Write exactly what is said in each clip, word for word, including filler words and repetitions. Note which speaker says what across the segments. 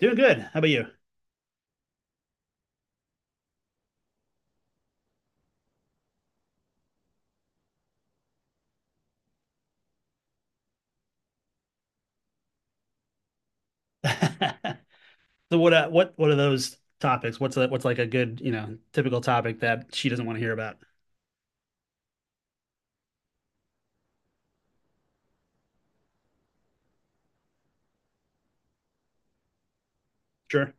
Speaker 1: Doing good. How about you? So what uh, what what are those topics? What's a, what's like a good, you know, typical topic that she doesn't want to hear about? Sure.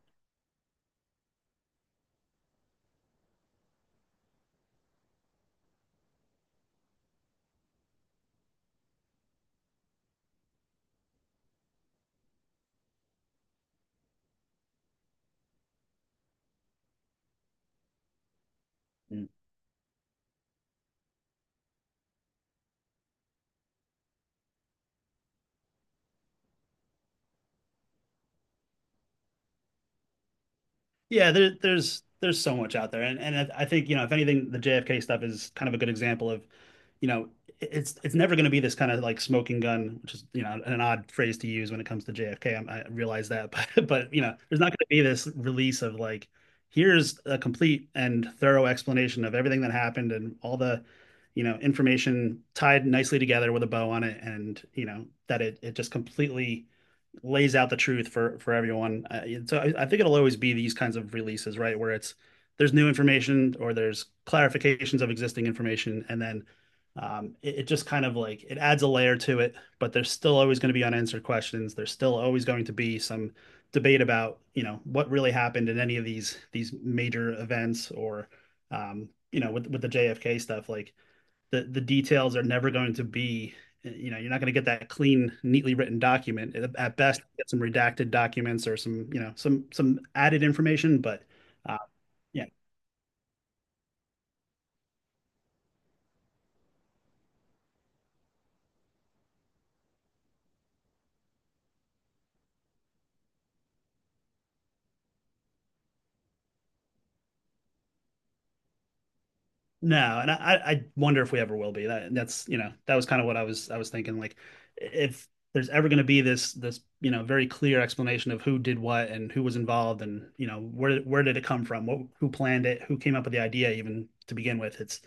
Speaker 1: Yeah, there, there's there's so much out there, and and I I think, you know, if anything, the J F K stuff is kind of a good example of, you know, it's it's never going to be this kind of like smoking gun, which is, you know, an odd phrase to use when it comes to J F K. I I realize that, but but you know, there's not going to be this release of like, here's a complete and thorough explanation of everything that happened and all the, you know, information tied nicely together with a bow on it, and you know that it it just completely lays out the truth for for everyone. Uh, so I, I think it'll always be these kinds of releases, right? Where it's there's new information or there's clarifications of existing information, and then um, it, it just kind of like it adds a layer to it. But there's still always going to be unanswered questions. There's still always going to be some debate about, you know, what really happened in any of these these major events. Or um, you know, with with the J F K stuff, like the the details are never going to be eh, you know, you're not going to get that clean, neatly written document. At best you get some redacted documents or some, you know, some some added information. But uh, yeah, no, and I I wonder if we ever will be. That that's, you know, that was kind of what I was I was thinking, like if there's ever going to be this this, you know, very clear explanation of who did what and who was involved and, you know, where where did it come from, what, who planned it, who came up with the idea even to begin with. It's,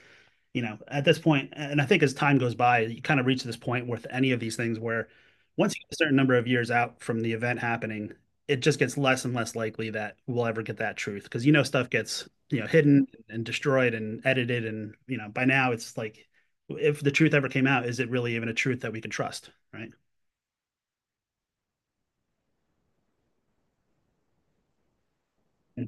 Speaker 1: you know, at this point, and I think as time goes by, you kind of reach this point with any of these things where once you get a certain number of years out from the event happening, it just gets less and less likely that we'll ever get that truth, because, you know, stuff gets, you know, hidden and destroyed and edited, and you know by now it's like if the truth ever came out, is it really even a truth that we can trust, right? Yeah.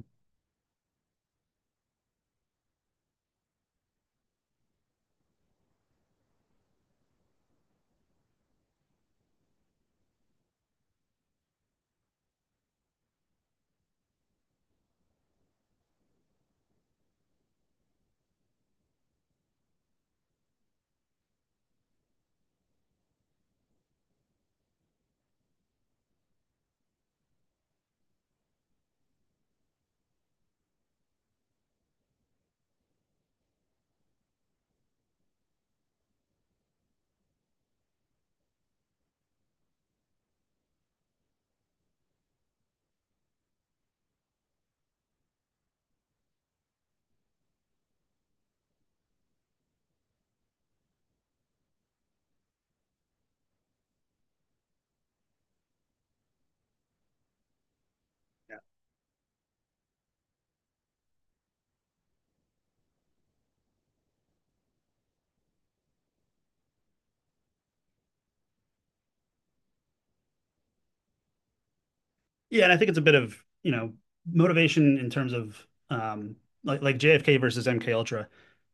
Speaker 1: Yeah, and I think it's a bit of, you know, motivation in terms of um like like J F K versus M K Ultra,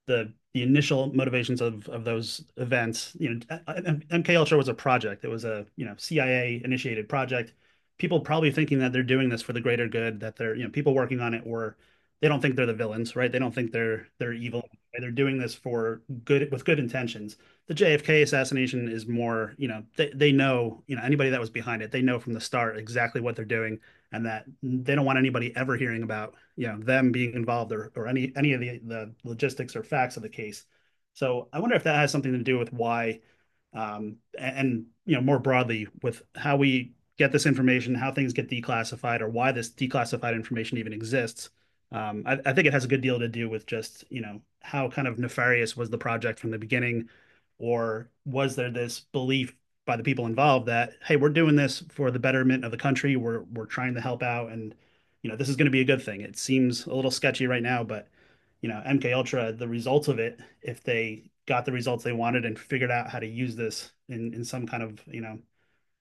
Speaker 1: the the initial motivations of of those events. You know, M K Ultra was a project. It was a, you know, C I A initiated project. People probably thinking that they're doing this for the greater good, that they're, you know, people working on it were, they don't think they're the villains, right? They don't think they're they're evil. They're doing this for good with good intentions. The J F K assassination is more, you know, they, they know, you know, anybody that was behind it, they know from the start exactly what they're doing, and that they don't want anybody ever hearing about, you know, them being involved, or, or any any of the, the logistics or facts of the case. So I wonder if that has something to do with why, um, and, you know, more broadly with how we get this information, how things get declassified, or why this declassified information even exists. Um, I, I think it has a good deal to do with just, you know, how kind of nefarious was the project from the beginning, or was there this belief by the people involved that, hey, we're doing this for the betterment of the country, we're we're trying to help out, and, you know, this is going to be a good thing. It seems a little sketchy right now, but you know, M K Ultra, the results of it, if they got the results they wanted and figured out how to use this in in some kind of, you know,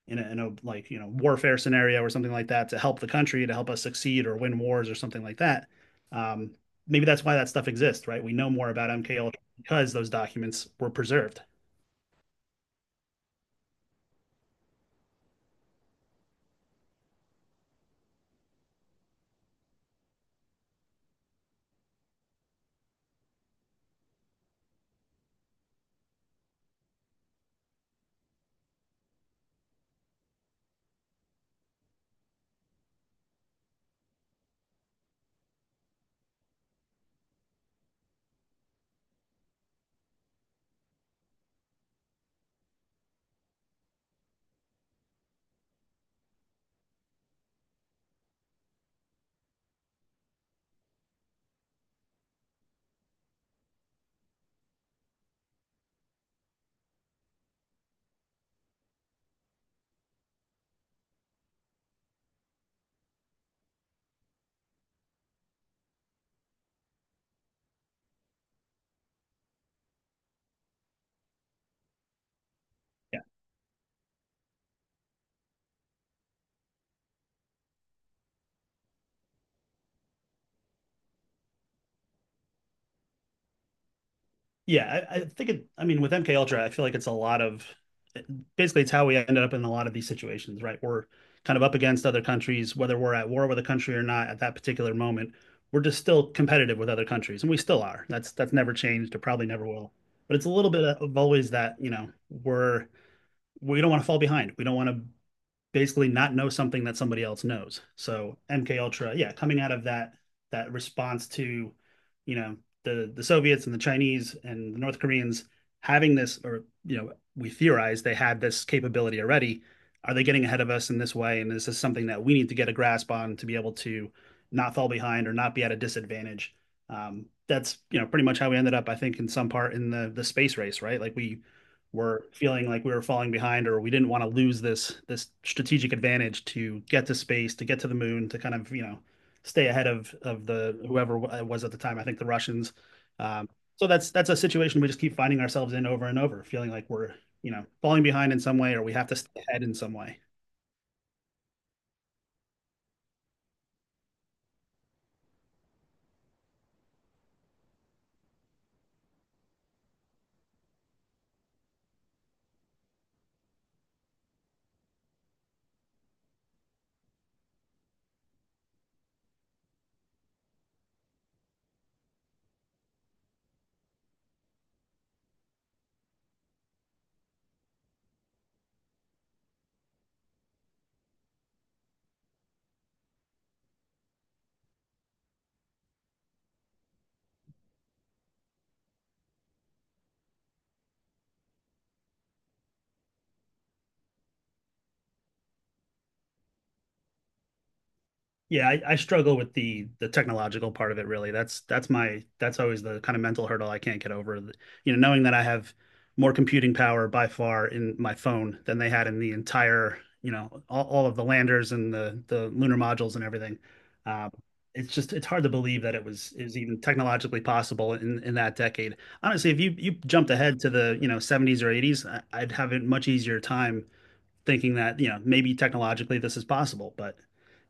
Speaker 1: in a, in a like, you know, warfare scenario or something like that to help the country, to help us succeed or win wars or something like that. Um, Maybe that's why that stuff exists, right? We know more about M K Ultra because those documents were preserved. Yeah, I, I think it, I mean, with M K Ultra, I feel like it's a lot of, basically, it's how we ended up in a lot of these situations, right? We're kind of up against other countries, whether we're at war with a country or not at that particular moment. We're just still competitive with other countries, and we still are. That's that's never changed. It probably never will. But it's a little bit of always that, you know, we're, we don't want to fall behind. We don't want to basically not know something that somebody else knows. So M K Ultra, yeah, coming out of that, that response to, you know, the the Soviets and the Chinese and the North Koreans having this, or, you know, we theorize they had this capability already. Are they getting ahead of us in this way? And this is something that we need to get a grasp on to be able to not fall behind or not be at a disadvantage. Um, that's, you know, pretty much how we ended up, I think, in some part, in the the space race, right? Like we were feeling like we were falling behind, or we didn't want to lose this this strategic advantage to get to space, to get to the moon, to kind of, you know, stay ahead of of the, whoever it was at the time. I think the Russians. Um, so that's that's a situation we just keep finding ourselves in over and over, feeling like we're, you know, falling behind in some way, or we have to stay ahead in some way. Yeah, I, I struggle with the the technological part of it, really. That's that's my, that's always the kind of mental hurdle I can't get over. You know, knowing that I have more computing power by far in my phone than they had in the entire, you know, all, all of the landers and the the lunar modules and everything. Um, it's just, it's hard to believe that it was, it was even technologically possible in in that decade. Honestly, if you you jumped ahead to the, you know, seventies or eighties, I, I'd have a much easier time thinking that, you know, maybe technologically this is possible, but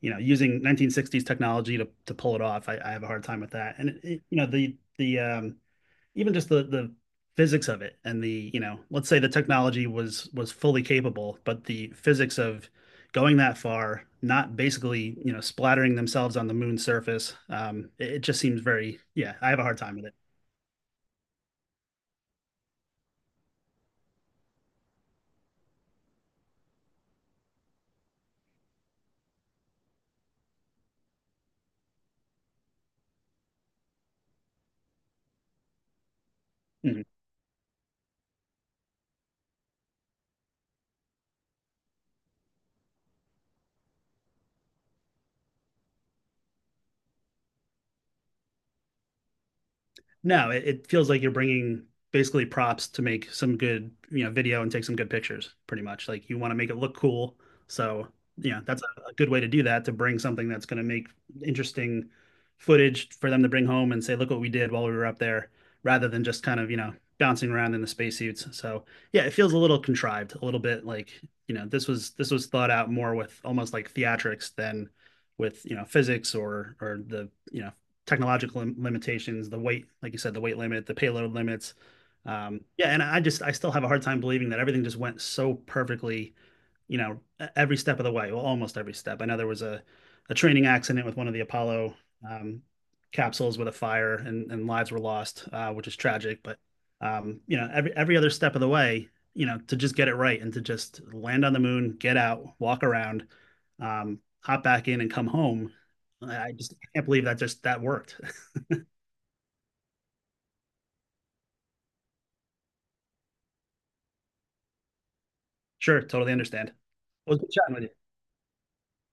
Speaker 1: you know, using nineteen sixties technology to to pull it off, I, I have a hard time with that. And it, it- you know, the the um, even just the the physics of it, and the, you know, let's say the technology was was fully capable, but the physics of going that far, not basically, you know, splattering themselves on the moon's surface, um, it, it just seems very, yeah. I have a hard time with it. Mhm. No, it, it feels like you're bringing basically props to make some good, you know, video and take some good pictures, pretty much. Like you want to make it look cool. So, you know, that's a, a good way to do that, to bring something that's going to make interesting footage for them to bring home and say, look what we did while we were up there, rather than just kind of, you know, bouncing around in the spacesuits. So, yeah, it feels a little contrived, a little bit like, you know, this was, this was thought out more with almost like theatrics than with, you know, physics or or the, you know, technological limitations, the weight, like you said, the weight limit, the payload limits. Um, yeah, and I just, I still have a hard time believing that everything just went so perfectly, you know, e-, every step of the way. Well, almost every step. I know there was a a training accident with one of the Apollo um, capsules with a fire, and and lives were lost, uh, which is tragic. But um, you know, every every other step of the way, you know, to just get it right and to just land on the moon, get out, walk around, um, hop back in, and come home. I just, I can't believe that just that worked. Sure, totally understand. Well, good chatting with you.